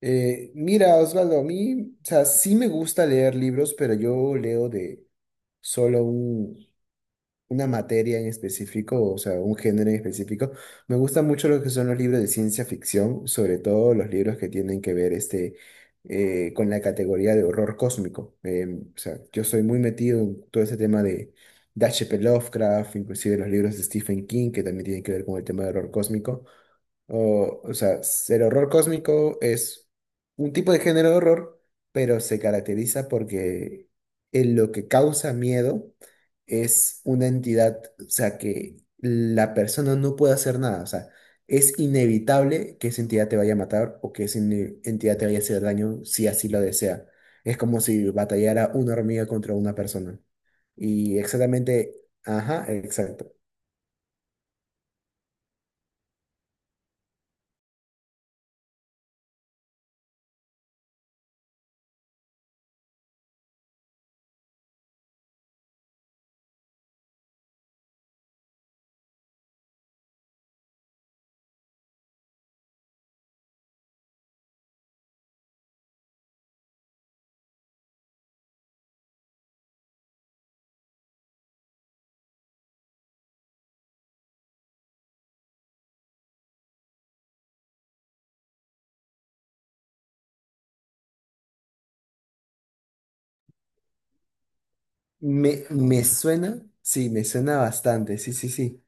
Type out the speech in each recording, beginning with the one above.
Mira, Osvaldo, a mí, o sea, sí me gusta leer libros, pero yo leo solo un- una materia en específico, o sea, un género en específico. Me gustan mucho lo que son los libros de ciencia ficción, sobre todo los libros que tienen que ver con la categoría de horror cósmico. O sea, yo soy muy metido en todo ese tema de H P. Lovecraft, inclusive los libros de Stephen King, que también tienen que ver con el tema de horror cósmico. O sea, el horror cósmico es un tipo de género de horror, pero se caracteriza porque en lo que causa miedo es una entidad, o sea, que la persona no puede hacer nada, o sea, es inevitable que esa entidad te vaya a matar o que entidad te vaya a hacer daño si así lo desea. Es como si batallara una hormiga contra una persona. Y exactamente, ajá, exacto. Me suena, sí, me suena bastante, sí, sí, sí.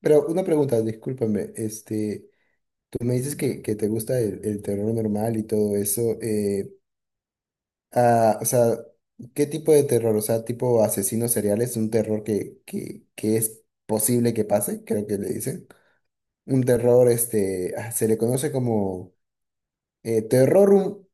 Pero una pregunta, discúlpame, este, tú me dices que te gusta el terror normal y todo eso, o sea, ¿qué tipo de terror? O sea, tipo asesinos seriales, un terror que es posible que pase, creo que le dicen. Un terror, se le conoce como terror,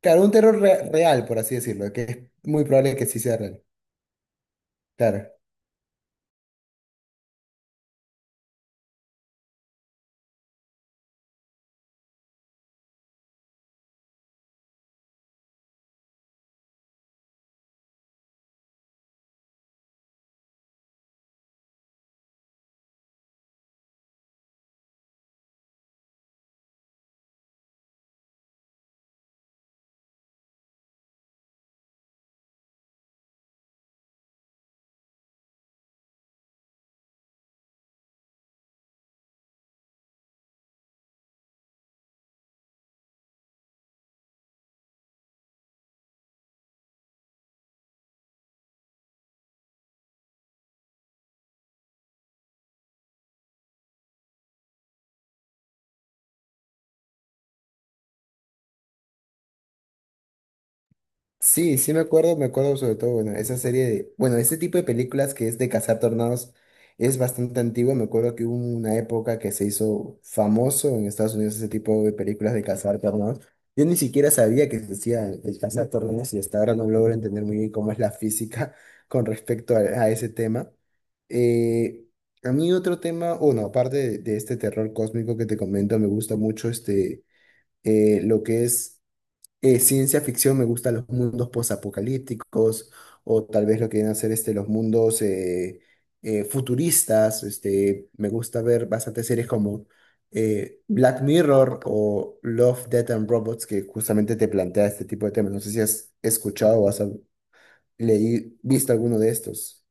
claro, un real, por así decirlo, que es muy probable que sí sea real, claro. Sí, sí me acuerdo sobre todo, bueno, esa serie de, bueno, ese tipo de películas que es de cazar tornados es bastante antigua, me acuerdo que hubo una época que se hizo famoso en Estados Unidos ese tipo de películas de cazar tornados. Yo ni siquiera sabía que se decía el cazar tornados y hasta ahora no logro entender muy bien cómo es la física con respecto a ese tema. Eh, a mí otro tema, bueno, aparte de este terror cósmico que te comento, me gusta mucho lo que es ciencia ficción, me gustan los mundos posapocalípticos o tal vez lo que vienen a ser este, los mundos futuristas. Este, me gusta ver bastantes series como Black Mirror o Love, Death and Robots que justamente te plantea este tipo de temas. No sé si has escuchado o has visto alguno de estos.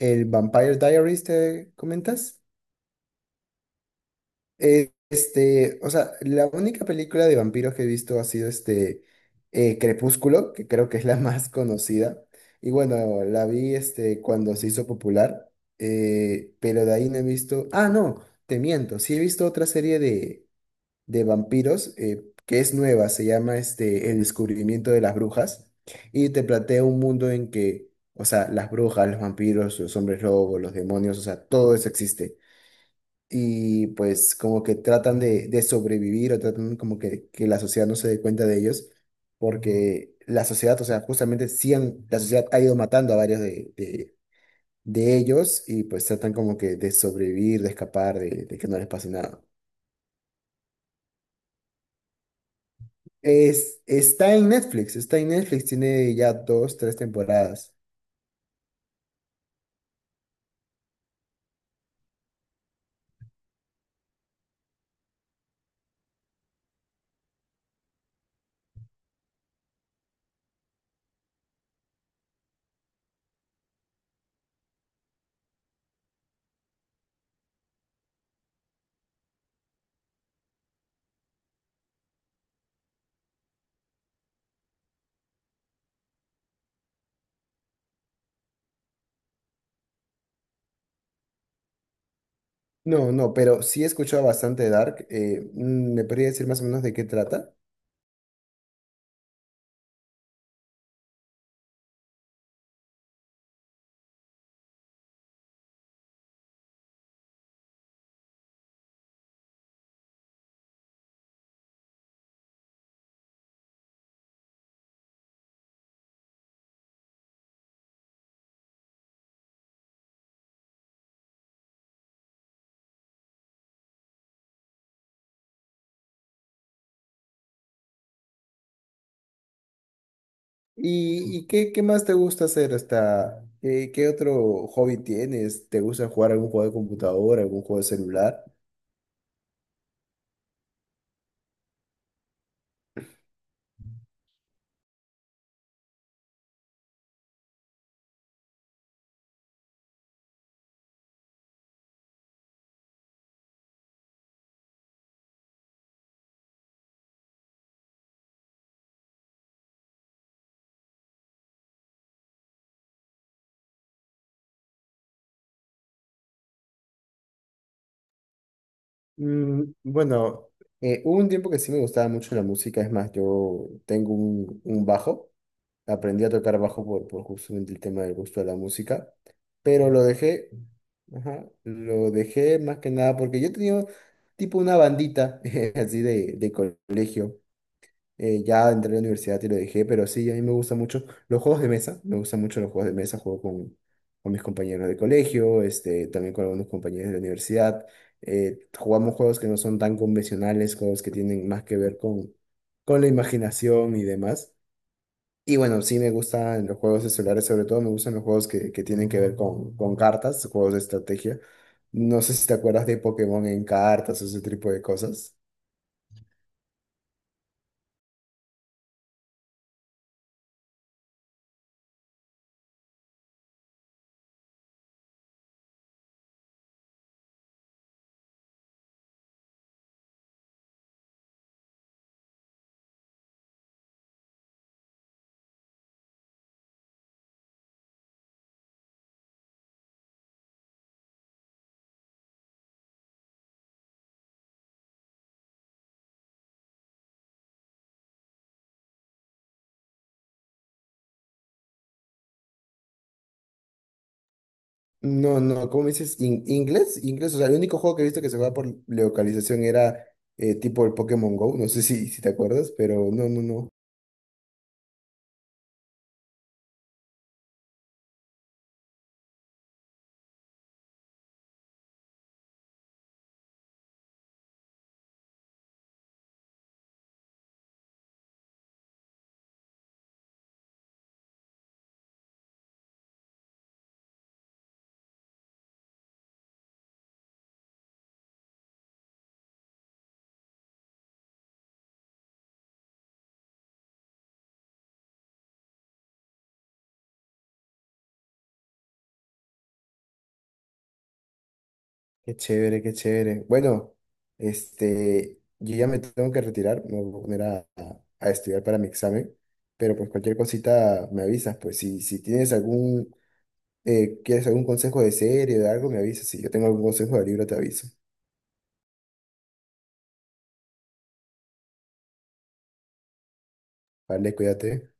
¿El Vampire Diaries te comentas? Este, o sea, la única película de vampiros que he visto ha sido Crepúsculo, que creo que es la más conocida. Y bueno, la vi este cuando se hizo popular, pero de ahí no he visto. Ah, no, te miento. Sí he visto otra serie de vampiros que es nueva, se llama este El descubrimiento de las brujas. Y te plantea un mundo en que, o sea, las brujas, los vampiros, los hombres lobos, los demonios, o sea, todo eso existe y pues como que tratan de sobrevivir o tratan como que la sociedad no se dé cuenta de ellos, porque la sociedad, o sea, la sociedad ha ido matando a varios de ellos y pues tratan como que de sobrevivir, de escapar, de que no les pase nada. Es, está en Netflix, tiene ya dos, tres temporadas. No, no, pero sí he escuchado bastante de Dark. ¿Me podría decir más o menos de qué trata? Y qué, qué más te gusta hacer hasta, qué, qué otro hobby tienes? ¿Te gusta jugar algún juego de computadora, algún juego de celular? Mm, bueno, hubo un tiempo que sí me gustaba mucho la música, es más, yo tengo un bajo, aprendí a tocar bajo por justamente el tema del gusto de la música, pero lo dejé, ajá, lo dejé más que nada porque yo tenía tipo una bandita así de colegio. Ya entré a la universidad y lo dejé, pero sí, a mí me gustan mucho los juegos de mesa. Me gustan mucho los juegos de mesa. Juego con mis compañeros de colegio, este, también con algunos compañeros de la universidad. Jugamos juegos que no son tan convencionales, juegos que tienen más que ver con la imaginación y demás. Y bueno, sí me gustan los juegos de celulares, sobre todo me gustan los juegos que tienen que ver con cartas, juegos de estrategia. No sé si te acuerdas de Pokémon en cartas o ese tipo de cosas. No, no, ¿cómo me dices? ¿In- Inglés? Inglés, o sea, el único juego que he visto que se jugaba por localización era tipo el Pokémon Go, no sé si, si te acuerdas, pero no, no, no. Qué chévere, qué chévere. Bueno, este, yo ya me tengo que retirar, me voy a poner a, a estudiar para mi examen, pero pues cualquier cosita me avisas, pues si, si tienes algún, quieres algún consejo de serie o de algo, me avisas, si yo tengo algún consejo de libro te aviso. Vale, cuídate.